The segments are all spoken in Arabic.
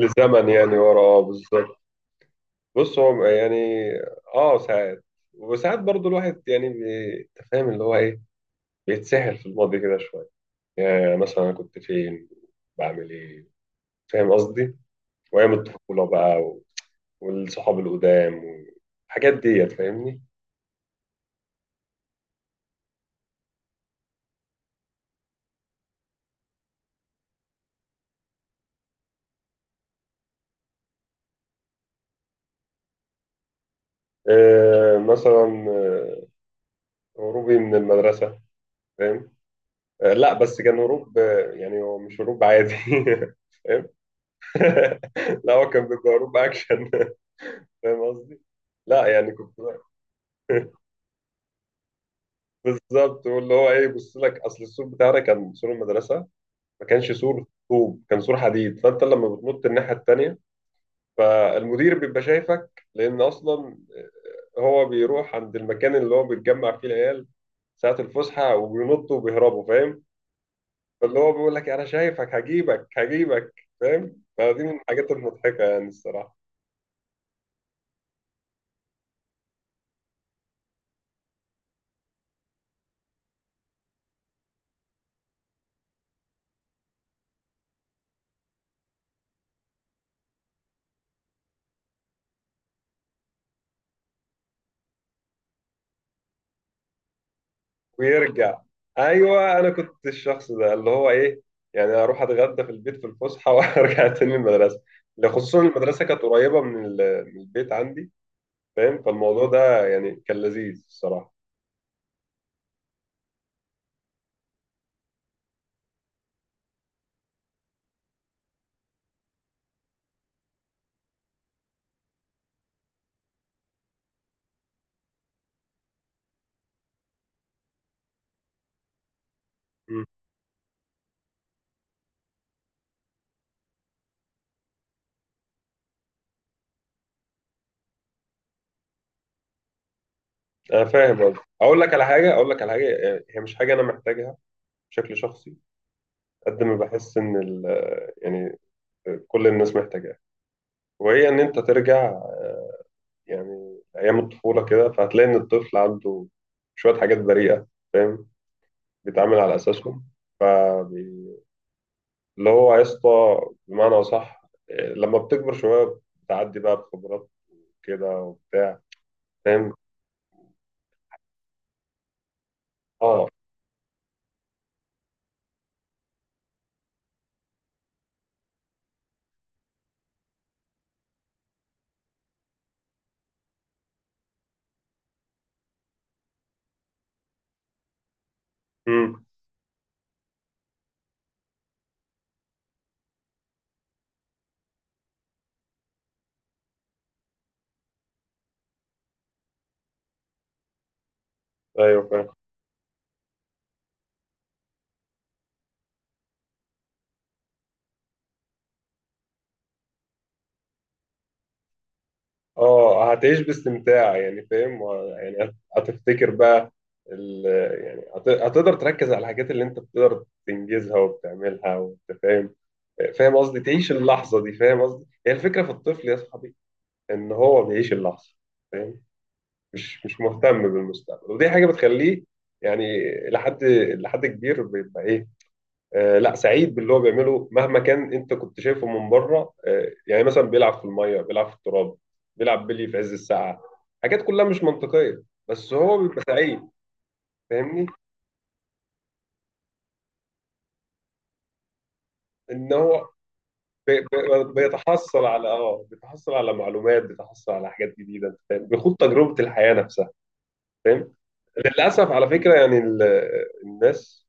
الزمن يعني ورا اه بالظبط. بص، هو يعني اه ساعات وساعات. برضو الواحد يعني أنت فاهم اللي هو ايه، بيتسحل في الماضي كده شويه. يعني مثلا انا كنت فين، بعمل ايه، فاهم قصدي، وايام الطفوله بقى والصحاب القدام والحاجات ديت، فاهمني. مثلا هروبي من المدرسه، فاهم. آه لا، بس كان هروب يعني هو مش هروب عادي. فاهم. لا، هو كان بيبقى هروب اكشن. فاهم قصدي؟ لا يعني كنت. بالظبط، واللي هو ايه، بص لك، اصل السور بتاعنا كان سور المدرسه، ما كانش سور طوب، كان سور حديد. فانت لما بتنط الناحيه التانيه، فالمدير بيبقى شايفك، لان اصلا هو بيروح عند المكان اللي هو بيتجمع فيه العيال ساعه الفسحه وبينطوا وبيهربوا، فاهم. فاللي هو بيقول لك انا شايفك، هجيبك هجيبك. فاهم، فدي من الحاجات المضحكه يعني الصراحه. ويرجع. ايوه انا كنت الشخص ده، اللي هو ايه، يعني اروح اتغدى في البيت في الفسحه وارجع تاني المدرسه. ده خصوصا المدرسه كانت قريبه من من البيت عندي، فاهم. فالموضوع ده يعني كان لذيذ الصراحه. مم. انا فاهم قصدي، اقول لك على حاجه، اقول لك على حاجه، يعني هي مش حاجه انا محتاجها بشكل شخصي. قد ما بحس ان ال، يعني كل الناس محتاجاها، وهي ان انت ترجع يعني ايام الطفوله كده. فهتلاقي ان الطفل عنده شويه حاجات بريئه، فاهم، بيتعامل على اساسهم. فبي- اللي هو يا اسطى، بمعنى اصح، إيه، لما بتكبر شويه بتعدي بقى بخبرات كده وبتاع، فاهم. اه. امم. ايوه فاهم. اه هتعيش باستمتاع، يعني فاهم، يعني هتفتكر بقى ال... يعني هتقدر تركز على الحاجات اللي انت بتقدر تنجزها وبتعملها، وانت فاهم. فاهم قصدي، تعيش اللحظه دي. فاهم قصدي، هي الفكره في الطفل يا صاحبي، ان هو بيعيش اللحظه، فاهم. مش مهتم بالمستقبل، ودي حاجه بتخليه يعني لحد لحد كبير بيبقى ايه، لا سعيد باللي هو بيعمله مهما كان انت كنت شايفه من بره. يعني مثلا بيلعب في الميه، بيلعب في التراب، بيلعب بلي في عز الساعه، حاجات كلها مش منطقيه، بس هو بيبقى سعيد. فاهمني، ان هو بيتحصل على بيتحصل على معلومات، بيتحصل على حاجات جديده، أنت فاهم؟ بيخوض تجربه الحياه نفسها، فاهم. للاسف على فكره، يعني الناس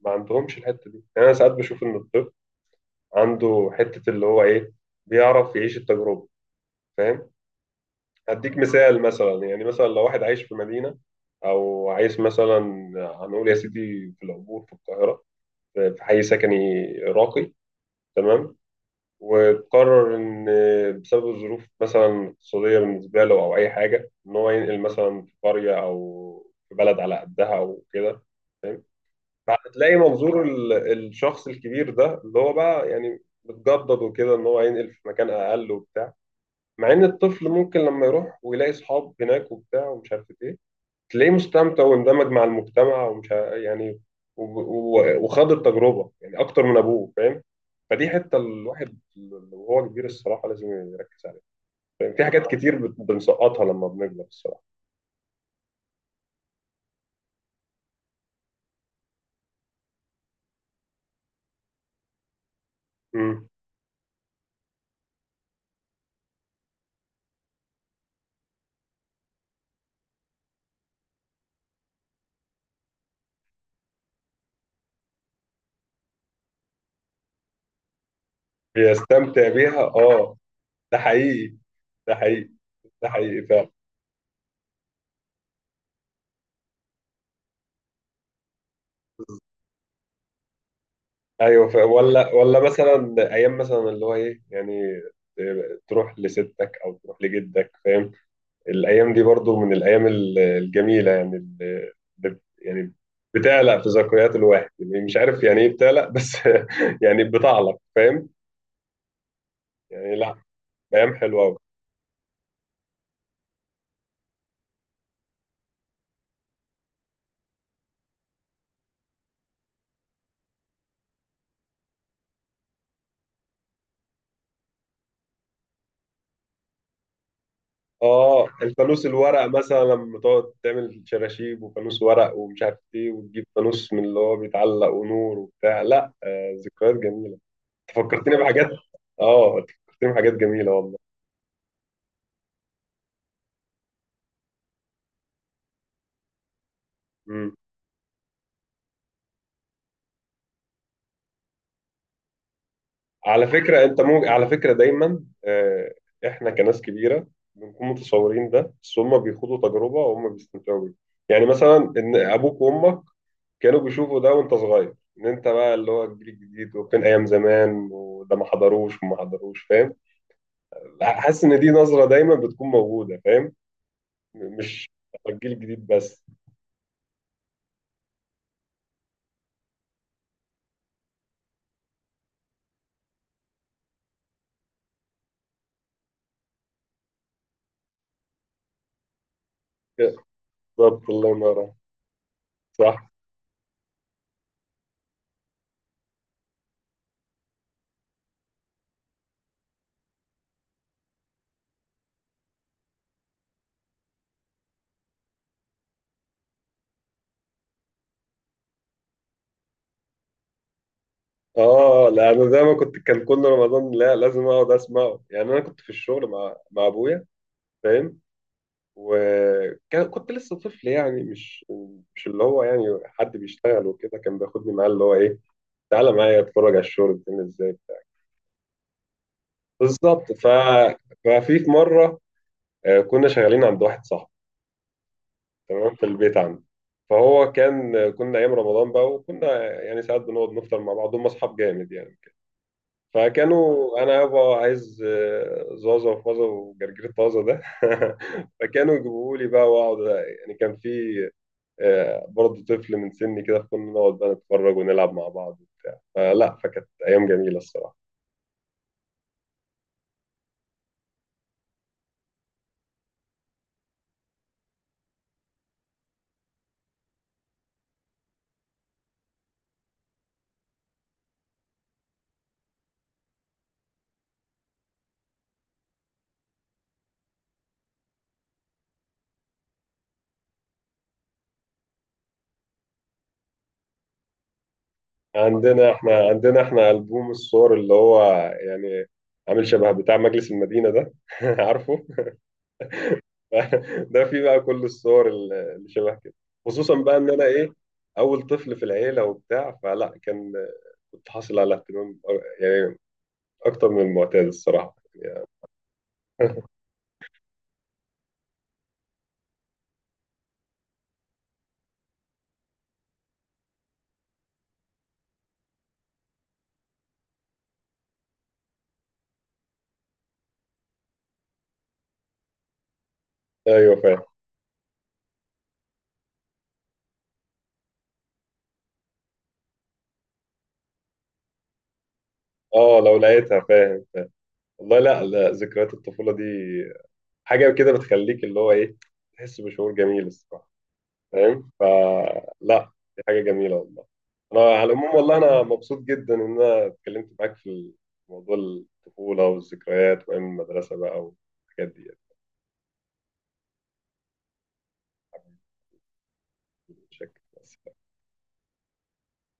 ما عندهمش الحته دي. يعني انا ساعات بشوف ان الطب عنده حته، اللي هو ايه، بيعرف يعيش التجربه، فاهم. هديك مثال، مثلا يعني، مثلا لو واحد عايش في مدينه، او عايش مثلا، هنقول يا سيدي، في العبور في القاهره، في في حي سكني راقي، تمام، وقرر ان بسبب الظروف مثلا اقتصاديه بالنسبه له او اي حاجه، ان هو ينقل مثلا في قريه او في بلد على قدها او كده، فهتلاقي منظور الشخص الكبير ده، اللي هو بقى يعني متجدد وكده، ان هو هينقل في مكان اقل وبتاع. مع ان الطفل ممكن لما يروح ويلاقي اصحاب هناك وبتاع ومش عارف ايه، تلاقيه مستمتع واندمج مع المجتمع، ومش ع- يعني و- و- وخاض التجربة يعني اكتر من ابوه، فاهم. فدي حتة الواحد وهو كبير الصراحة لازم يركز عليها. فاهم؟ في حاجات كتير بنسقطها لما بنكبر الصراحة. مم. بيستمتع بيها، اه. ده حقيقي. ده حقيقي. ده حقيقي فعلا. ايوه ولا مثلا ايام، مثلا اللي هو ايه، يعني تروح لستك او تروح لجدك، فاهم. الايام دي برضو من الايام الجميله، يعني اللي يعني بتعلق في ذكريات الواحد، يعني مش عارف يعني ايه بتعلق، بس يعني بتعلق، فاهم. يعني لا، ايام حلوه قوي. اه الفانوس الورق، مثلا لما تقعد تعمل شراشيب وفانوس ورق ومش عارف ايه، وتجيب فانوس من اللي هو بيتعلق ونور وبتاع، لا آه ذكريات جميله. فكرتني بحاجات. اه، أنت فكرتني بحاجات جميله والله. امم. على فكره انت، مو على فكره دايما، احنا كناس كبيره بنكون متصورين ده، بس هم بيخوضوا تجربه وهم بيستمتعوا بيها. يعني مثلا ان ابوك وامك كانوا بيشوفوا ده وانت صغير، ان انت بقى اللي هو الجيل الجديد، وكان ايام زمان وده ما حضروش وما حضروش، فاهم. حاسس ان دي نظره دايما بتكون موجوده، فاهم. مش الجيل الجديد بس. بالظبط، الله ينور عليك. صح. اه لا انا زي ما كنت، كان كل رمضان لا لازم اقعد اسمعه، يعني انا كنت في الشغل مع ابويا، فاهم، وكنت لسه طفل، يعني مش اللي هو يعني حد بيشتغل وكده، كان بياخدني معاه، اللي هو ايه، تعالى معايا اتفرج على الشغل بتعمل ازاي. بالظبط. ف... ففي في مره كنا شغالين عند واحد صاحبي، تمام، في البيت عنده. فهو كان، كنا ايام رمضان بقى، وكنا يعني ساعات بنقعد نفطر مع بعض، هم اصحاب جامد يعني. فكانوا، انا يابا عايز زازا وفازا وجرجير طازه ده. فكانوا يجيبوا لي بقى واقعد. يعني كان في برضه طفل من سني كده، فكنا نقعد بقى نتفرج ونلعب مع بعض. فلا، فكانت ايام جميله الصراحه. عندنا احنا البوم الصور، اللي هو يعني عامل شبه بتاع مجلس المدينه ده. عارفه. ده فيه بقى كل الصور اللي شبه كده. خصوصا بقى ان انا ايه، اول طفل في العيله وبتاع، فلا كان، كنت حاصل على اهتمام يعني اكتر من المعتاد الصراحه، يعني. ايوه فاهم. اه لو لقيتها، فاهم. والله لا لا ذكريات الطفوله دي حاجه كده بتخليك اللي هو ايه، تحس بشعور جميل الصراحه، فاهم. فلا، دي حاجه جميله والله. انا على العموم والله، انا مبسوط جدا ان انا اتكلمت معاك في موضوع الطفوله والذكريات وايام المدرسه بقى والحاجات دي بشكل